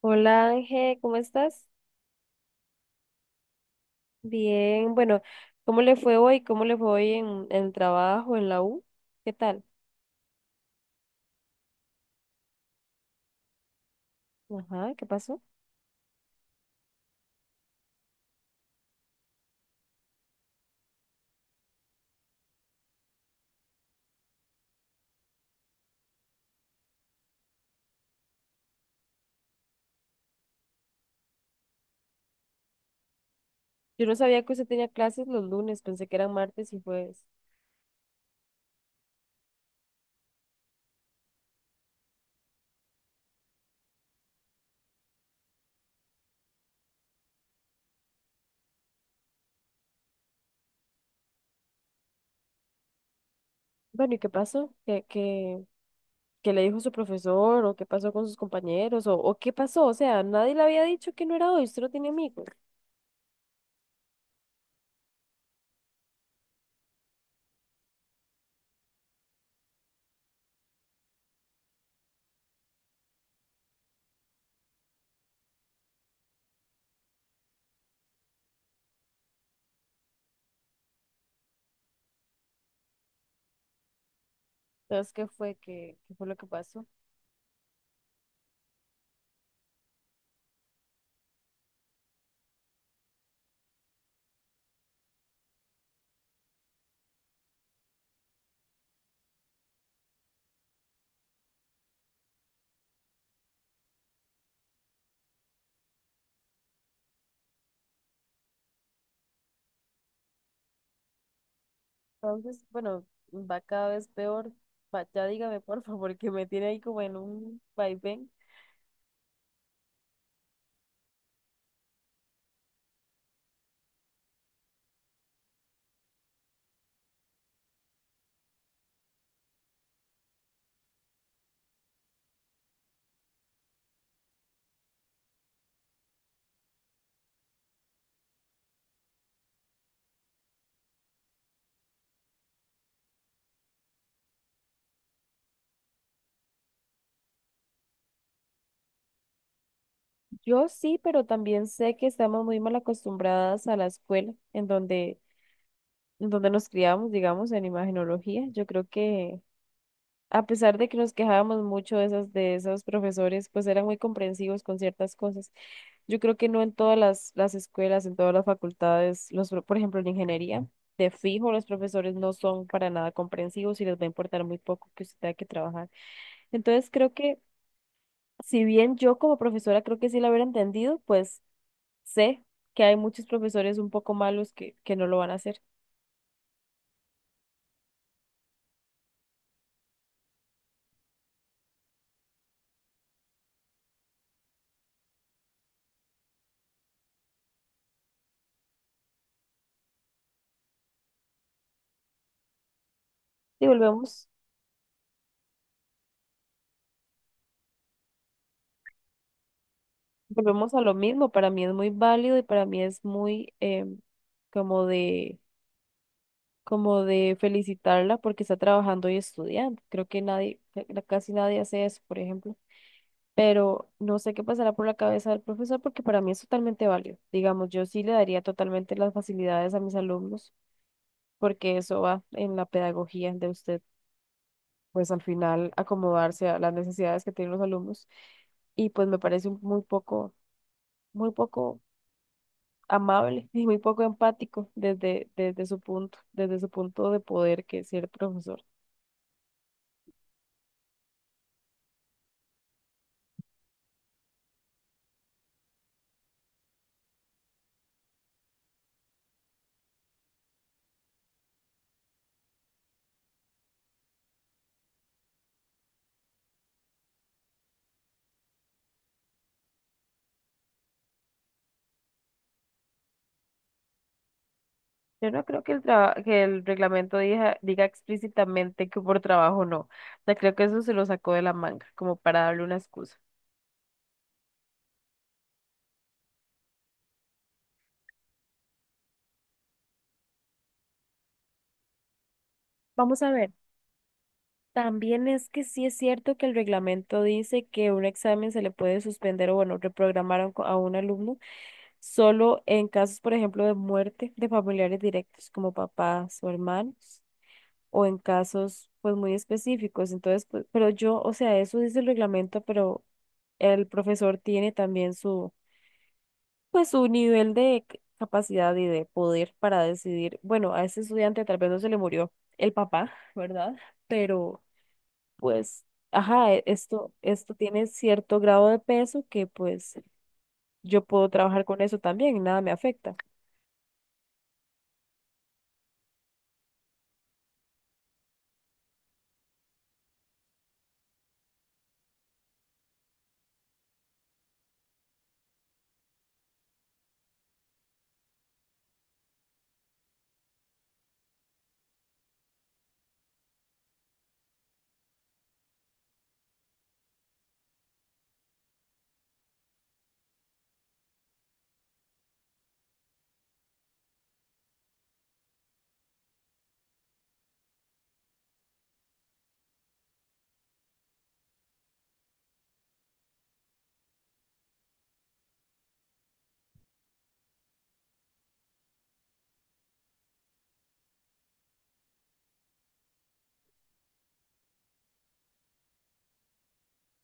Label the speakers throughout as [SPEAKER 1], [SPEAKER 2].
[SPEAKER 1] Hola, Ángel, ¿cómo estás? Bien, bueno, ¿cómo le fue hoy? ¿Cómo le fue hoy en, el trabajo, en la U? ¿Qué tal? Ajá, ¿qué pasó? Yo no sabía que usted tenía clases los lunes, pensé que eran martes y jueves. Bueno, ¿y qué pasó? ¿Qué le dijo su profesor? ¿O qué pasó con sus compañeros? ¿O qué pasó? O sea, nadie le había dicho que no era hoy, usted no tiene amigos. Entonces, ¿qué fue? ¿Qué fue lo que pasó? Entonces, bueno, va cada vez peor. Va, ya dígame, por favor, que me tiene ahí como en un vaivén. Yo sí, pero también sé que estamos muy mal acostumbradas a la escuela en donde nos criamos, digamos, en imagenología. Yo creo que a pesar de que nos quejábamos mucho de esas, de esos profesores, pues eran muy comprensivos con ciertas cosas. Yo creo que no en todas las escuelas, en todas las facultades, los, pro- por ejemplo, en ingeniería, de fijo los profesores no son para nada comprensivos y les va a importar muy poco que usted tenga que trabajar. Entonces creo que si bien yo como profesora creo que sí lo hubiera entendido, pues sé que hay muchos profesores un poco malos que no lo van a hacer. Y volvemos, volvemos a lo mismo. Para mí es muy válido y para mí es muy como de, como de felicitarla porque está trabajando y estudiando. Creo que nadie, ca- casi nadie hace eso, por ejemplo. Pero no sé qué pasará por la cabeza del profesor porque para mí es totalmente válido. Digamos, yo sí le daría totalmente las facilidades a mis alumnos porque eso va en la pedagogía de ustedes. Pues al final acomodarse a las necesidades que tienen los alumnos. Y pues me parece un- muy poco amable y muy poco empático desde, desde su punto de poder que es ser profesor. Yo no creo que el traba- que el reglamento diga, diga explícitamente que por trabajo no. O sea, creo que eso se lo sacó de la manga, como para darle una excusa. Vamos a ver. También es que sí es cierto que el reglamento dice que un examen se le puede suspender o, bueno, reprogramar a un, co- a un alumno solo en casos, por ejemplo, de muerte de familiares directos como papás o hermanos, o en casos, pues, muy específicos. Entonces, pues, pero yo, o sea, eso dice el reglamento, pero el profesor tiene también su, pues, su nivel de c- capacidad y de poder para decidir, bueno, a ese estudiante tal vez no se le murió el papá, ¿verdad? Pero pues, ajá, e- esto tiene cierto grado de peso que pues yo puedo trabajar con eso también y nada me afecta.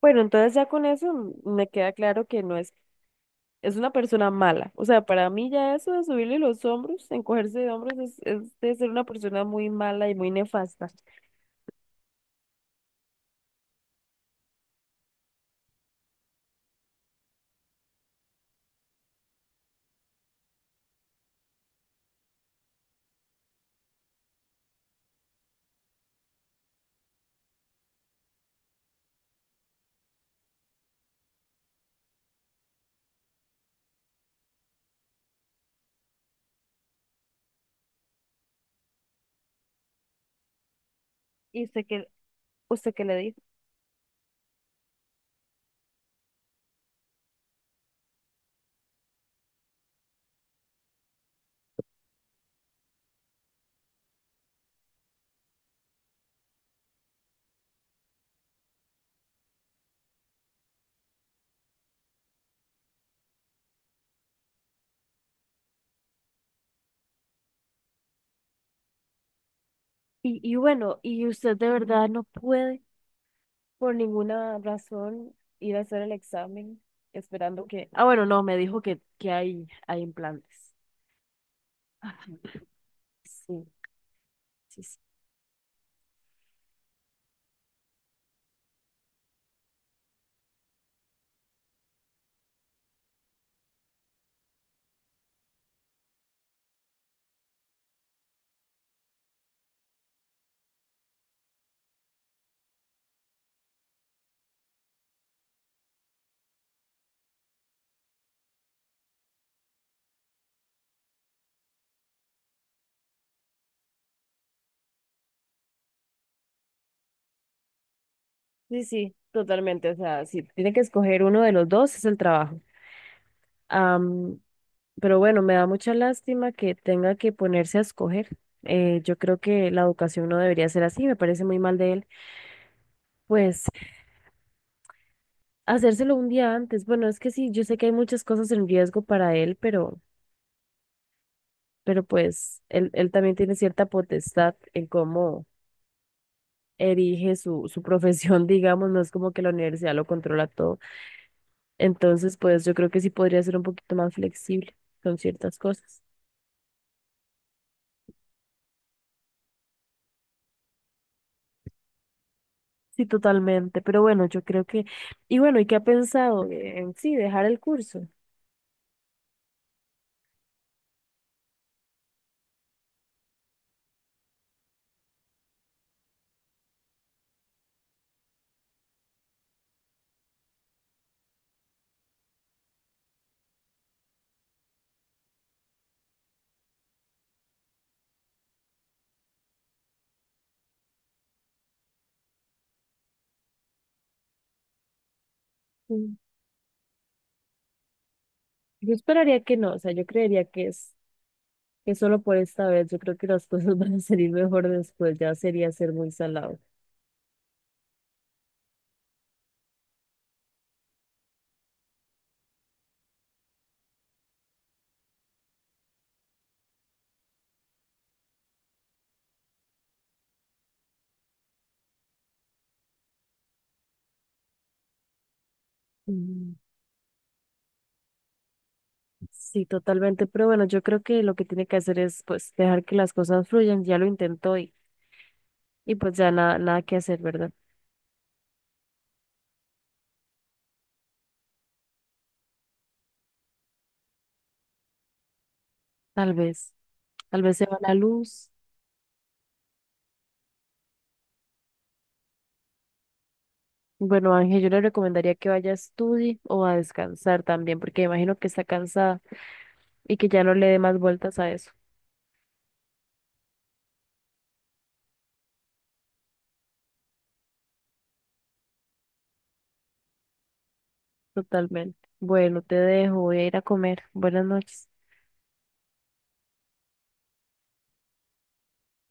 [SPEAKER 1] Bueno, entonces ya con eso me queda claro que no es, es una persona mala. O sea, para mí ya eso de subirle los hombros, encogerse de hombros, es de ser una persona muy mala y muy nefasta. ¿Y usted qué le dijo? Y bueno, ¿y usted de verdad no puede por ninguna razón ir a hacer el examen esperando que... Ah, bueno, no, me dijo que hay implantes. Sí, sí, sí, sí, sí, totalmente. O sea, si tiene que escoger uno de los dos, es el trabajo. Am, pero bueno, me da mucha lástima que tenga que ponerse a escoger. Yo creo que la educación no debería ser así, me parece muy mal de él. Pues hacérselo un día antes. Bueno, es que sí, yo sé que hay muchas cosas en riesgo para él, pero pues él también tiene cierta potestad en cómo erige su, su profesión, digamos, no es como que la universidad lo controla todo. Entonces, pues yo creo que sí podría ser un poquito más flexible con ciertas cosas. Sí, totalmente. Pero bueno, yo creo que... Y bueno, ¿y qué ha pensado en sí dejar el curso? Mm. Yo esperaría que no, o sea, yo creería que es que solo por esta vez, yo creo que las cosas van a salir mejor después, ya sería ser muy salado. Mm. Sí, totalmente, pero bueno, yo creo que lo que tiene que hacer es pues dejar que las cosas fluyan, ya lo intentó y pues ya nada, nada que hacer, ¿verdad? Tal vez, tal vez se va la luz. Bueno, Ángel, yo le recomendaría que vaya a estudiar o a descansar también, porque imagino que está cansada y que ya no le dé más vueltas a eso. Totalmente. Bueno, te dejo, voy a ir a comer. Buenas noches.